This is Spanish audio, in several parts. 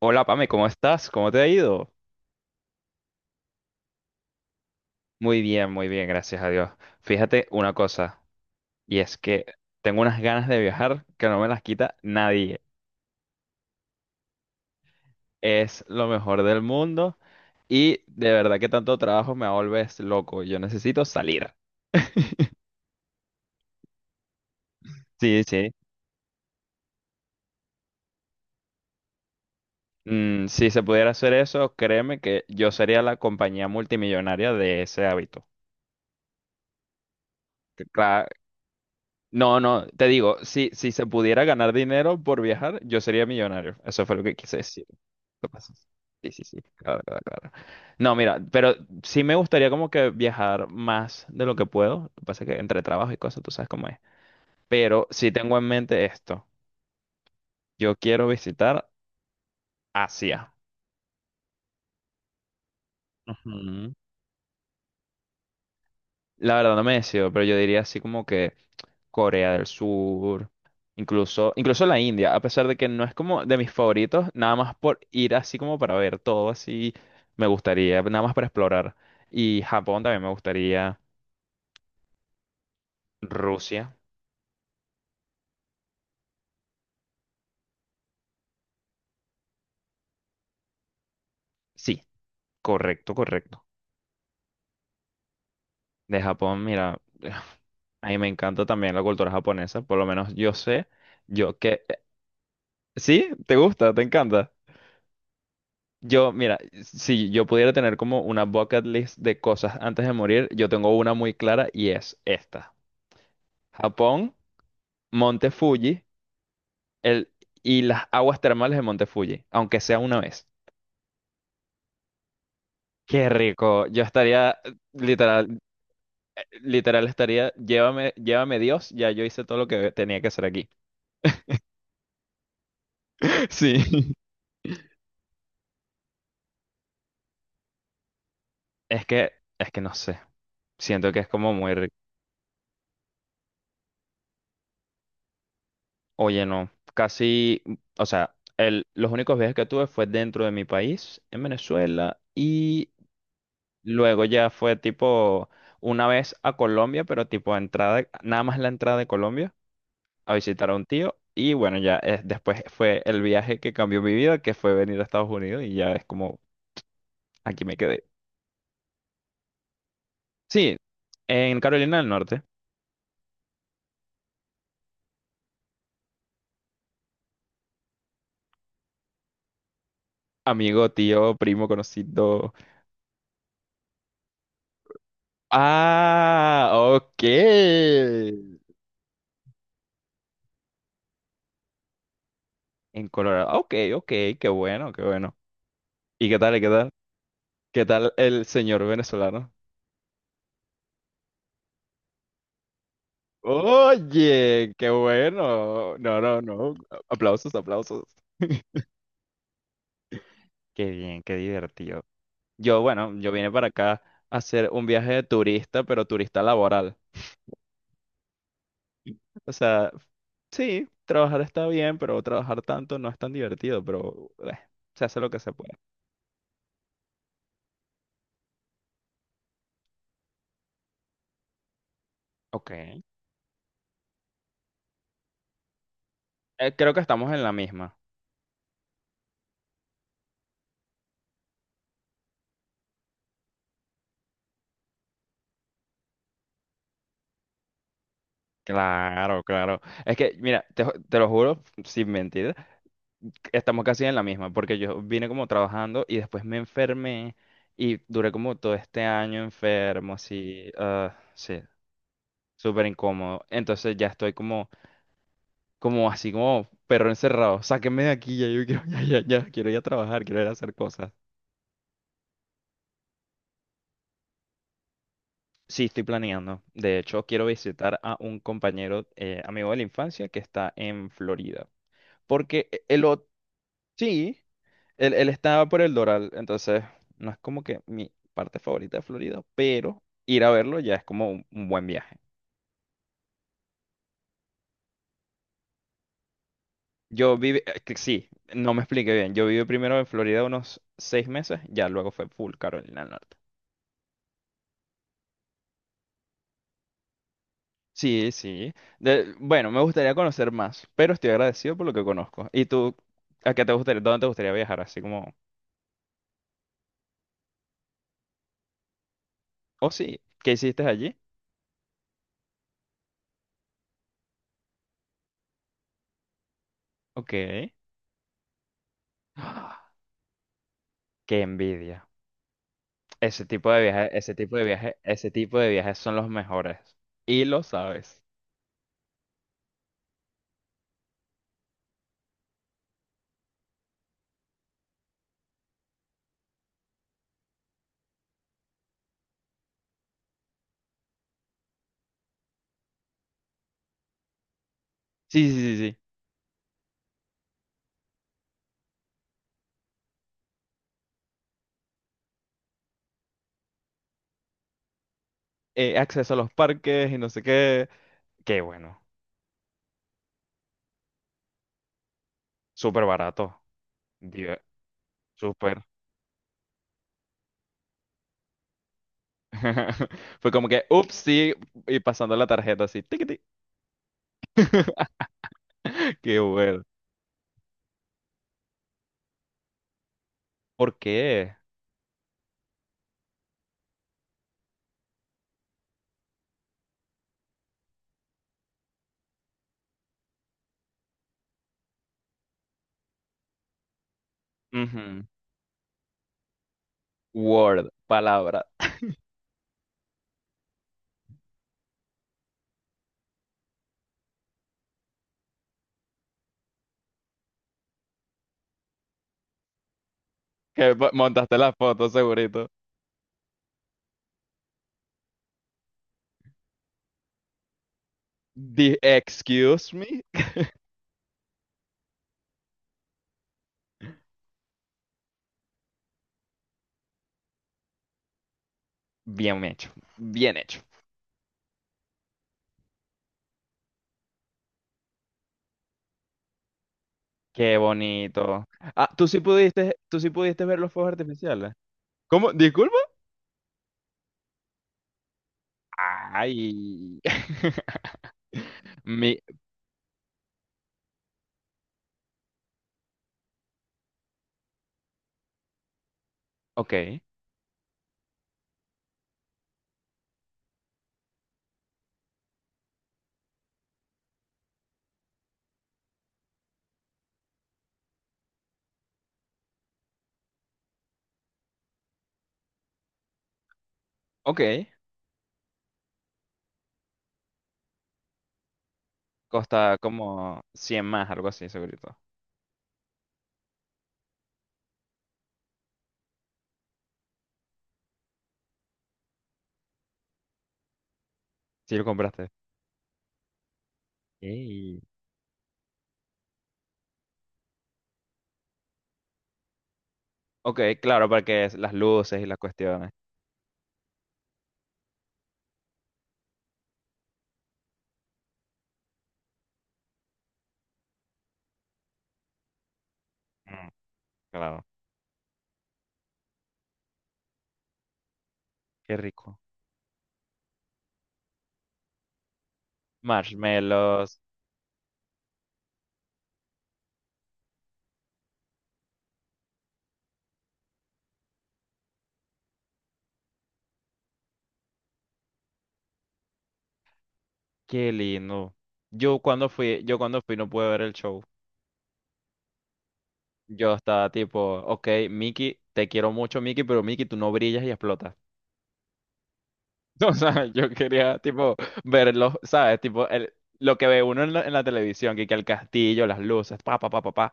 Hola Pame, ¿cómo estás? ¿Cómo te ha ido? Muy bien, gracias a Dios. Fíjate una cosa, y es que tengo unas ganas de viajar que no me las quita nadie. Es lo mejor del mundo y de verdad que tanto trabajo me vuelves loco. Yo necesito salir. Sí, sí. Si se pudiera hacer eso, créeme que yo sería la compañía multimillonaria de ese hábito. Que cla- No, no, te digo, si se pudiera ganar dinero por viajar, yo sería millonario. Eso fue lo que quise decir. Lo paso. Sí, sí, sí, claro, claro, claro. No, mira, pero sí me gustaría como que viajar más de lo que puedo. Lo que pasa es que entre trabajo y cosas, tú sabes cómo es. Pero sí tengo en mente esto. Yo quiero visitar Asia. Ujú. La verdad no me decido, pero yo diría así como que Corea del Sur, incluso la India, a pesar de que no es como de mis favoritos, nada más por ir así como para ver todo así, me gustaría, nada más para explorar. Y Japón también me gustaría, Rusia. Sí, correcto, correcto. De Japón, mira, a mí me encanta también la cultura japonesa, por lo menos yo sé, yo que... ¿Sí? ¿Te gusta? ¿Te encanta? Yo, mira, si yo pudiera tener como una bucket list de cosas antes de morir, yo tengo una muy clara y es esta. Japón, Monte Fuji, el, y las aguas termales de Monte Fuji, aunque sea una vez. Qué rico. Yo estaría, literal, literal, estaría, llévame, llévame Dios, ya yo hice todo lo que tenía que hacer aquí. Sí. Es que, es que no sé. Siento que es como muy. Oye, no. Casi, o sea, los únicos viajes que tuve fue dentro de mi país, en Venezuela, y luego ya fue tipo una vez a Colombia, pero tipo entrada, nada más la entrada de Colombia a visitar a un tío. Y bueno, ya, después fue el viaje que cambió mi vida, que fue venir a Estados Unidos y ya es como, aquí me quedé. Sí, en Carolina del Norte, amigo, tío, primo, conocido. Ah, ok. En Colorado. Ok, ok, qué bueno, qué bueno. ¿Y qué tal, qué tal? ¿Qué tal el señor venezolano? Oye, qué bueno. No, no, no. Aplausos, aplausos. Qué bien, qué divertido. Yo, bueno, yo vine para acá a hacer un viaje de turista, pero turista laboral. O sea, sí, trabajar está bien, pero trabajar tanto no es tan divertido, pero se hace lo que se puede. Ok. Creo que estamos en la misma. Claro, claro. Es que, mira, te lo juro, sin mentir, estamos casi en la misma, porque yo vine como trabajando y después me enfermé y duré como todo este año enfermo, así, sí, súper incómodo. Entonces ya estoy como, así como perro encerrado, sáquenme de aquí, ya yo quiero, ya, ya, ya, quiero ir a trabajar, quiero ir a hacer cosas. Sí, estoy planeando. De hecho, quiero visitar a un compañero, amigo de la infancia que está en Florida, porque el otro... Sí, Él estaba por el Doral, entonces no es como que mi parte favorita de Florida, pero ir a verlo ya es como un buen viaje. Yo viví, que sí, no me expliqué bien. Yo viví primero en Florida unos 6 meses, ya luego fue full Carolina del Norte. Sí, sí. Bueno, me gustaría conocer más, pero estoy agradecido por lo que conozco. ¿Y tú, a qué te gustaría, dónde te gustaría viajar? Así como, oh sí, ¿qué hiciste allí? Ok. ¡Qué envidia! Ese tipo de viajes, ese tipo de viajes, ese tipo de viajes son los mejores. Y lo sabes. Sí, sí, sí, sí. Acceso a los parques y no sé qué. Qué bueno. Súper barato. Dive- Súper. Fue como que, ups, sí, y pasando la tarjeta así. Tiquití. Qué bueno. ¿Por qué? Ujú. Word, palabra. Que montaste la foto, segurito. Excuse me. Bien hecho. Bien hecho. Qué bonito. Ah, tú sí pudiste ver los fuegos artificiales. ¿Cómo? ¿Disculpa? Ay. Mi, ok, ok. Costa como 100 más, algo así, segurito. Si lo compraste. Ey. Ok, claro, porque es las luces y las cuestiones. Mm, claro, qué rico. Marshmallows, qué lindo. Yo cuando fui no pude ver el show. Yo estaba tipo, ok, Mickey, te quiero mucho, Mickey, pero Mickey, tú no brillas y explotas. O sea, yo quería, tipo, verlos, ¿sabes? Tipo, lo que ve uno en la, televisión, que el castillo, las luces, pa, pa, pa, pa, pa.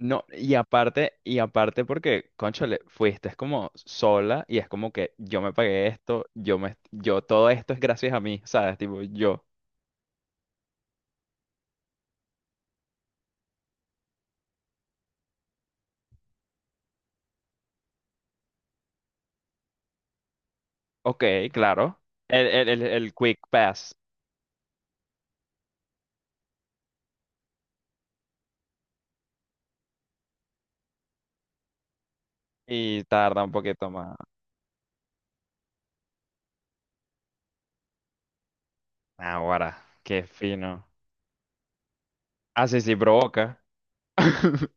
No, y aparte porque, cónchale, fuiste es como sola y es como que yo me pagué esto, todo esto es gracias a mí, ¿sabes? Tipo, ok, claro. El quick pass y tarda un poquito más. Ahora, qué fino. Ah, sí, sí, provoca.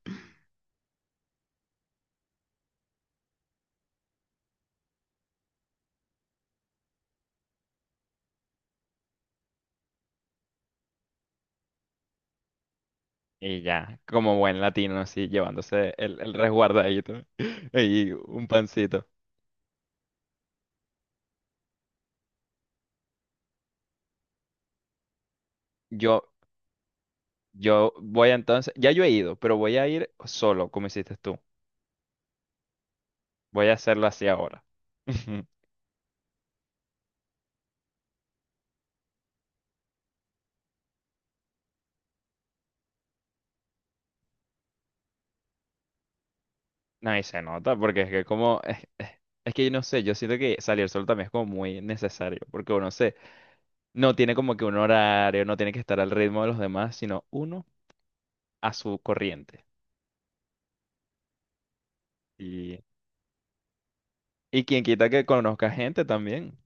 Y ya, como buen latino, así, llevándose el resguardadito y un pancito. Yo, yo voy entonces, ya yo he ido, pero voy a ir solo, como hiciste tú. Voy a hacerlo así ahora. No, y se nota, porque es que como, es que yo no sé, yo siento que salir solo también es como muy necesario, porque no tiene como que un horario, no tiene que estar al ritmo de los demás, sino uno a su corriente. Y, y quien quita que conozca gente también.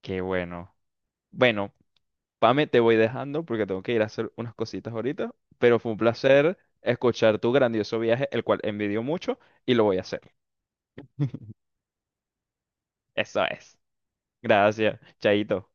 Qué bueno. Bueno. Pame, te voy dejando porque tengo que ir a hacer unas cositas ahorita, pero fue un placer escuchar tu grandioso viaje, el cual envidio mucho y lo voy a hacer. Eso es. Gracias. Chaito.